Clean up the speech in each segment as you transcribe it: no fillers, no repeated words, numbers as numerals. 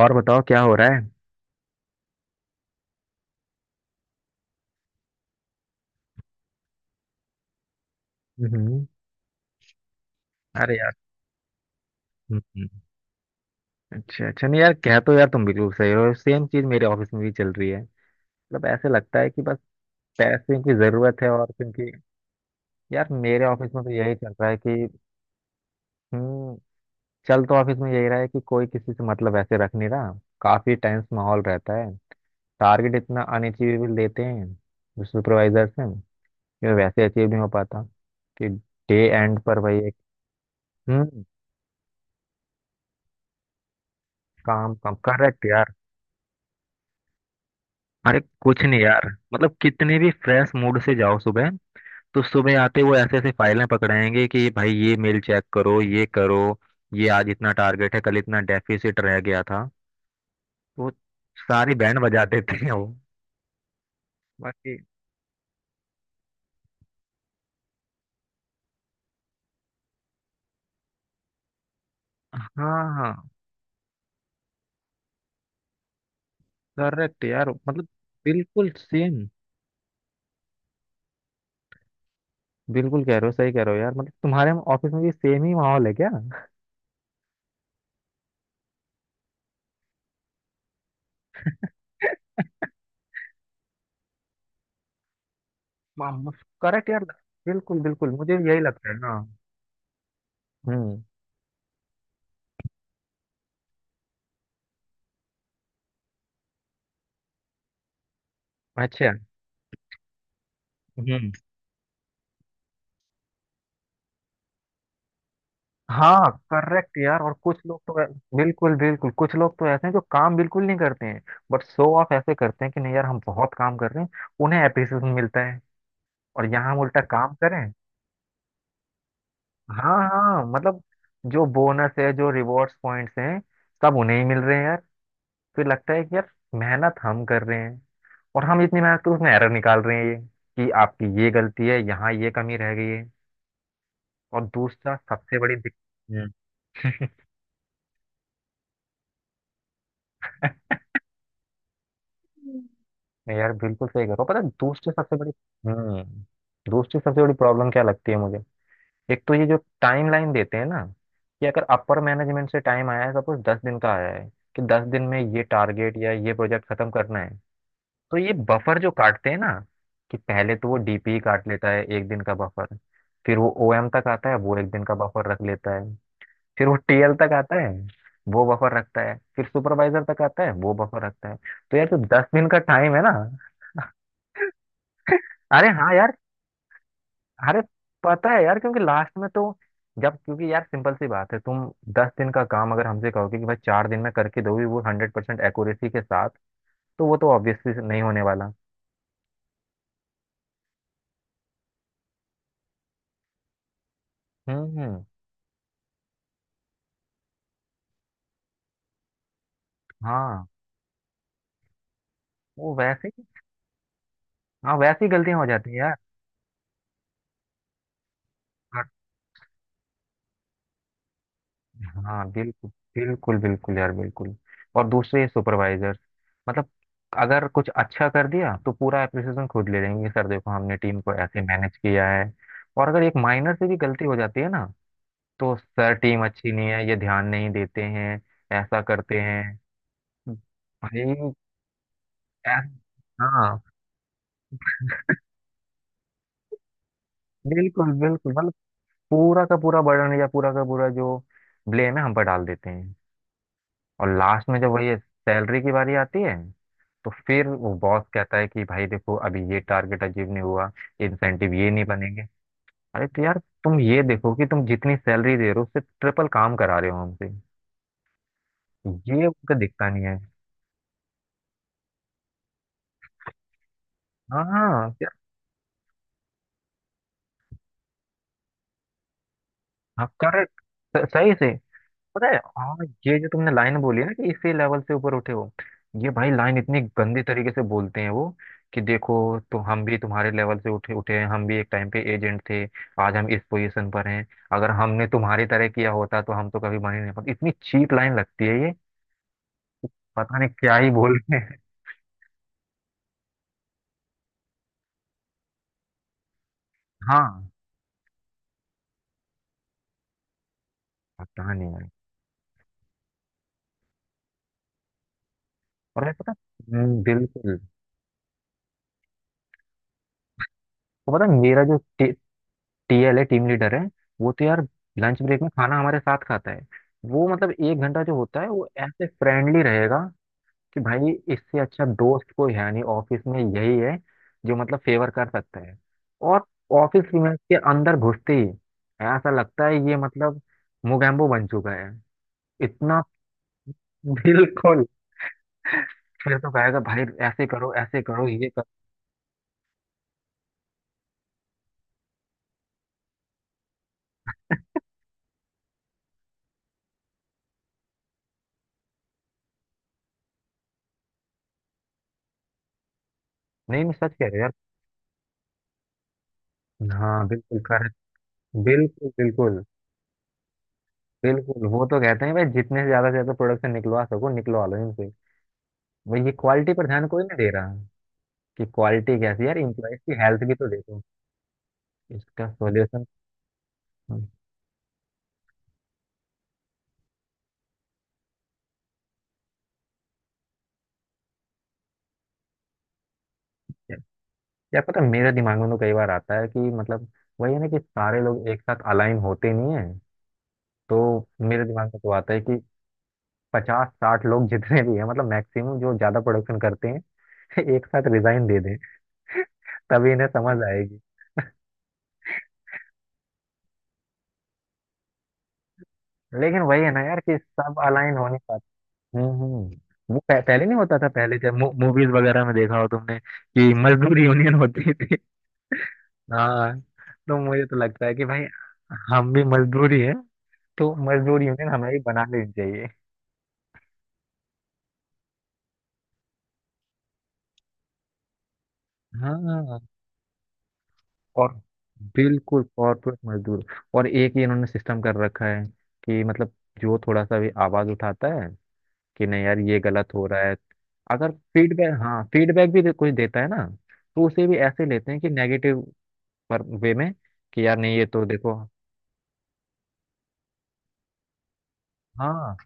और बताओ क्या हो रहा है। हम्म। अरे यार, हम्म। अच्छा अच्छा, नहीं यार, कह तो, यार तुम बिल्कुल सही हो, सेम चीज मेरे ऑफिस में भी चल रही है। मतलब ऐसे लगता है कि बस पैसे की जरूरत है, और क्योंकि यार मेरे ऑफिस में तो यही चल रहा है कि हम्म चल तो ऑफिस में यही रहा है कि कोई किसी से मतलब ऐसे रख नहीं रहा। काफी टेंस माहौल रहता है। टारगेट इतना अनअचीवेबल देते हैं सुपरवाइजर से कि वैसे अचीव नहीं हो पाता, कि डे एंड पर भाई एक हम्म काम कम, करेक्ट यार। अरे कुछ नहीं यार, मतलब कितने भी फ्रेश मूड से जाओ सुबह, तो सुबह आते वो ऐसे ऐसे फाइलें पकड़ाएंगे कि भाई ये मेल चेक करो, ये करो, ये आज इतना टारगेट है, कल इतना डेफिसिट रह गया था। तो सारी बैंड बजा देते हैं वो। बाकी, हाँ हाँ, करेक्ट यार। मतलब बिल्कुल सेम, बिल्कुल कह रहे हो, सही कह रहे हो यार। मतलब तुम्हारे ऑफिस में भी सेम ही माहौल है क्या? करेक्ट यार, बिल्कुल बिल्कुल, मुझे भी यही लगता है ना। हम्म। अच्छा। हम्म। हाँ करेक्ट यार। और कुछ लोग तो बिल्कुल बिल्कुल, कुछ लोग तो ऐसे हैं जो काम बिल्कुल नहीं करते हैं, बट शो ऑफ ऐसे करते हैं कि नहीं यार, हम बहुत काम कर रहे हैं। उन्हें एप्रिसिएशन मिलता है, और यहाँ हम उल्टा काम करें। हाँ हाँ, मतलब जो बोनस है, जो रिवॉर्ड्स पॉइंट्स हैं, सब उन्हें ही मिल रहे हैं यार। फिर लगता है कि यार मेहनत हम कर रहे हैं, और हम इतनी मेहनत कर उसमें एरर निकाल रहे हैं ये कि आपकी ये गलती है, यहाँ ये कमी रह गई है। और दूसरा सबसे बड़ी दिक्कत, नहीं यार बिल्कुल सही करो, पता है दूसरी सबसे बड़ी, हम्म दूसरी सबसे बड़ी प्रॉब्लम क्या लगती है मुझे? एक तो ये जो टाइम लाइन देते हैं ना, कि अगर अपर मैनेजमेंट से टाइम आया है सपोज 10 दिन का आया है, कि 10 दिन में ये टारगेट या ये प्रोजेक्ट खत्म करना है, तो ये बफर जो काटते हैं ना, कि पहले तो वो डीपी काट लेता है 1 दिन का बफर, फिर वो ओएम तक आता है वो 1 दिन का बफर रख लेता है, फिर वो टीएल तक आता है वो बफर रखता है, फिर सुपरवाइजर तक आता है वो बफर रखता है। तो यार जो 10 दिन का टाइम है ना, अरे हाँ यार, अरे पता है यार, क्योंकि लास्ट में तो जब क्योंकि यार सिंपल सी बात है, तुम 10 दिन का काम अगर हमसे कहोगे कि भाई 4 दिन में करके दोगे वो 100% एक्यूरेसी के साथ, तो वो तो ऑब्वियसली नहीं होने वाला। हम्म हम्म, हाँ वो हाँ वैसे ही गलतियां हो जाती हैं यार। और- हाँ बिल्कुल, बिल्कुल बिल्कुल यार, बिल्कुल। और दूसरे सुपरवाइजर, मतलब अगर कुछ अच्छा कर दिया तो पूरा एप्रिसिएशन खुद ले लेंगे, सर देखो हमने टीम को ऐसे मैनेज किया है। और अगर एक माइनर से भी गलती हो जाती है ना, तो सर टीम अच्छी नहीं है, ये ध्यान नहीं देते हैं, ऐसा करते हैं। भाई, ऐस- हाँ बिल्कुल बिल्कुल, मतलब पूरा का पूरा बर्डन या पूरा का पूरा जो ब्लेम है हम पर डाल देते हैं। और लास्ट में जब वही सैलरी की बारी आती है, तो फिर वो बॉस कहता है कि भाई देखो अभी ये टारगेट अचीव नहीं हुआ, इंसेंटिव ये नहीं बनेंगे। अरे तो यार तुम ये देखो कि तुम जितनी सैलरी दे रहे हो उससे ट्रिपल काम करा रहे हो हमसे। ये उनको दिखता नहीं है। हाँ यार। हाँ करेक्ट, सही से पता है, हाँ। ये जो तुमने लाइन बोली है ना कि इसी लेवल से ऊपर उठे हो, ये भाई लाइन इतनी गंदे तरीके से बोलते हैं वो कि देखो, तो हम भी तुम्हारे लेवल से उठे उठे हैं, हम भी एक टाइम पे एजेंट थे, आज हम इस पोजीशन पर हैं। अगर हमने तुम्हारी तरह किया होता तो हम तो कभी बने नहीं, पर इतनी चीप लाइन लगती है ये, पता नहीं क्या ही बोल रहे हैं। हाँ पता नहीं है। और मैं पता बिल्कुल। तो पता है, मेरा जो टीएल है, टीम लीडर है, वो तो यार लंच ब्रेक में खाना हमारे साथ खाता है। वो मतलब 1 घंटा जो होता है वो ऐसे फ्रेंडली रहेगा कि भाई इससे अच्छा दोस्त कोई है नहीं, ऑफिस में यही है जो मतलब फेवर कर सकता है। और ऑफिस में के अंदर घुसते ही ऐसा लगता है ये मतलब मोगैम्बो बन चुका है, इतना। बिल्कुल। फिर तो कहेगा भाई ऐसे करो, ऐसे करो, ये करो। नहीं नहीं, सच कह रहे हो। यार हाँ बिल्कुल कर बिल्कुल बिल्कुल। बिल्कुल वो तो कहते हैं भाई जितने से ज्यादा प्रोडक्शन निकलवा सको, निकलवा लो इनसे। भाई ये क्वालिटी पर ध्यान कोई नहीं दे रहा, कि क्वालिटी कैसी है यार, इम्प्लॉयज की हेल्थ भी तो देखो। इसका सॉल्यूशन, यार पता है, मेरे दिमाग में तो कई बार आता है कि मतलब वही है ना कि सारे लोग एक साथ अलाइन होते नहीं है, तो मेरे दिमाग में तो आता है कि 50-60 लोग जितने भी हैं, मतलब मैक्सिमम जो ज्यादा प्रोडक्शन करते हैं, एक साथ रिजाइन दे दें, तभी इन्हें समझ आएगी। लेकिन वही है ना यार कि सब अलाइन हो नहीं। वो पहले नहीं होता था, पहले जब मूवीज वगैरह में देखा हो तुमने कि मजदूर यूनियन होती थी। हाँ। तो मुझे तो लगता है कि भाई हम भी मजदूर ही हैं, तो मजदूर यूनियन हमें भी बना लेनी चाहिए। हाँ। और बिल्कुल कॉर्पोरेट मजदूर। और एक ही इन्होंने सिस्टम कर रखा है कि मतलब जो थोड़ा सा भी आवाज उठाता है कि नहीं यार ये गलत हो रहा है, अगर फीडबैक, हाँ फीडबैक भी कोई देता है ना, तो उसे भी ऐसे लेते हैं कि नेगेटिव पर वे में, कि यार नहीं ये तो देखो। हाँ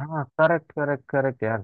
हाँ करेक्ट करेक्ट करेक्ट यार।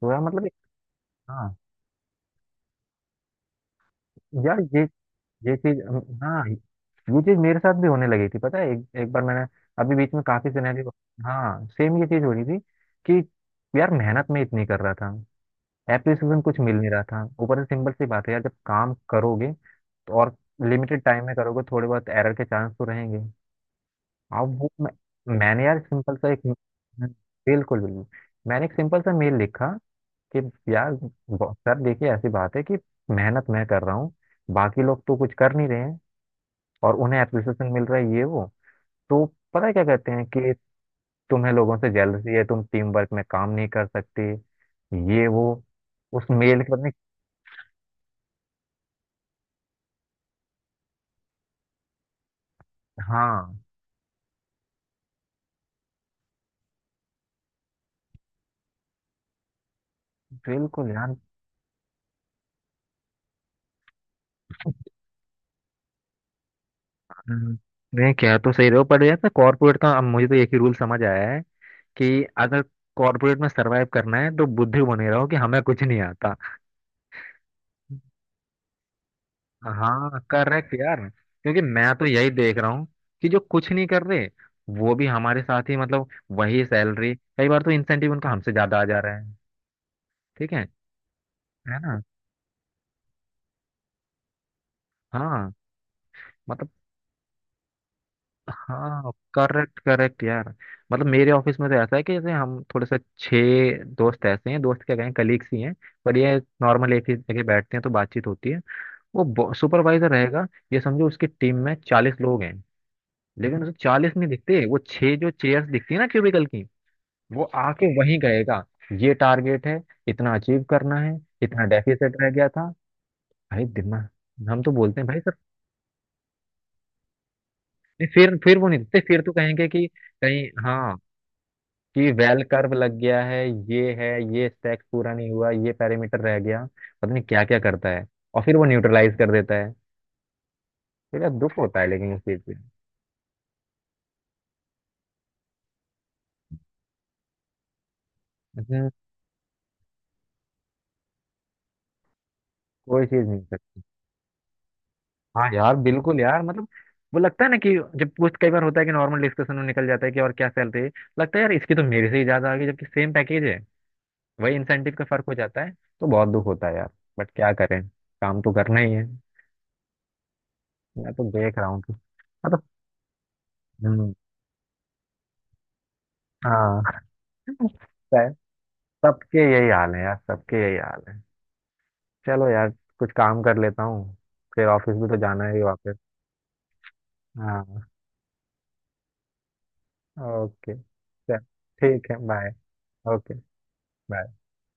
तो यार मतलब हाँ यार ये चीज, हाँ ये चीज मेरे साथ भी होने लगी थी। पता है, एक बार मैंने अभी बीच में काफी सिनेरियो, हाँ सेम ये चीज हो रही थी, कि यार मेहनत में इतनी कर रहा था, एप्रिसिएशन कुछ मिल नहीं रहा था, ऊपर से सिंपल सी बात है यार जब काम करोगे तो और लिमिटेड टाइम में करोगे, थोड़े बहुत एरर के चांस तो रहेंगे। अब वो मैंने यार सिंपल सा एक, बिल्कुल बिल्कुल। मैंने एक सिंपल सा मेल लिखा कि यार, सर देखिए ऐसी बात है कि मेहनत मैं कर रहा हूँ, बाकी लोग तो कुछ कर नहीं रहे हैं, और उन्हें एप्रिसिएशन मिल रहा है, ये वो, तो पता है क्या कहते हैं कि तुम्हें लोगों से जेलसी है, तुम टीम वर्क में काम नहीं कर सकते, ये वो, उस मेल के पता नहीं। हाँ बिल्कुल यार, हम्म। नहीं कह तो सही रहे हो, पर यार कॉर्पोरेट का अब मुझे तो एक ही रूल समझ आया है, कि अगर कॉर्पोरेट में सरवाइव करना है तो बुद्धू बने रहो कि हमें कुछ नहीं आता। हाँ करेक्ट यार, क्योंकि मैं तो यही देख रहा हूँ कि जो कुछ नहीं कर रहे वो भी हमारे साथ ही, मतलब वही सैलरी, कई बार तो इंसेंटिव उनका हमसे ज्यादा आ जा रहा है। ठीक है ना। हाँ मतलब, हाँ करेक्ट करेक्ट यार, मतलब मेरे ऑफिस में तो ऐसा है कि जैसे हम थोड़े से छह दोस्त ऐसे हैं, दोस्त क्या कहें, कलीग्स ही हैं, पर ये नॉर्मल एक ही जगह बैठते हैं तो बातचीत होती है। वो सुपरवाइजर रहेगा, ये समझो उसकी टीम में 40 लोग हैं, लेकिन उसे 40 नहीं दिखते, वो छह जो चेयर्स दिखती है ना क्यूबिकल की, वो आके वहीं कहेगा ये टारगेट है, इतना अचीव करना है, इतना डेफिसिट रह गया था। भाई दिमाग, हम तो बोलते हैं भाई सर, नहीं फिर वो नहीं दिखते, फिर तो कहेंगे कि कहीं, हाँ, कि वेल कर्व लग गया है, ये है, ये स्टैक पूरा नहीं हुआ, ये पैरामीटर रह गया, पता नहीं क्या क्या करता है, और फिर वो न्यूट्रलाइज कर देता है। तो यार दुख होता है लेकिन इस चीज पे, हम्म, कोई चीज नहीं। हाँ यार बिल्कुल यार, मतलब वो लगता है ना कि जब कुछ कई बार होता है कि नॉर्मल डिस्कशन में निकल जाता है कि और क्या सैलरी है, लगता है यार इसकी तो मेरे से ही ज्यादा आ गई जबकि सेम पैकेज है, वही इंसेंटिव का फर्क हो जाता है। तो बहुत दुख होता है यार, बट क्या करें, काम तो करना ही है। मैं तो देख रहा हूँ कि मतलब, हम्म, हाँ। है। सबके यही हाल है यार, सबके यही हाल है। चलो यार, कुछ काम कर लेता हूँ, फिर ऑफिस भी तो जाना है ही वापस। हाँ ओके चल। ठीक है बाय। ओके। बाय।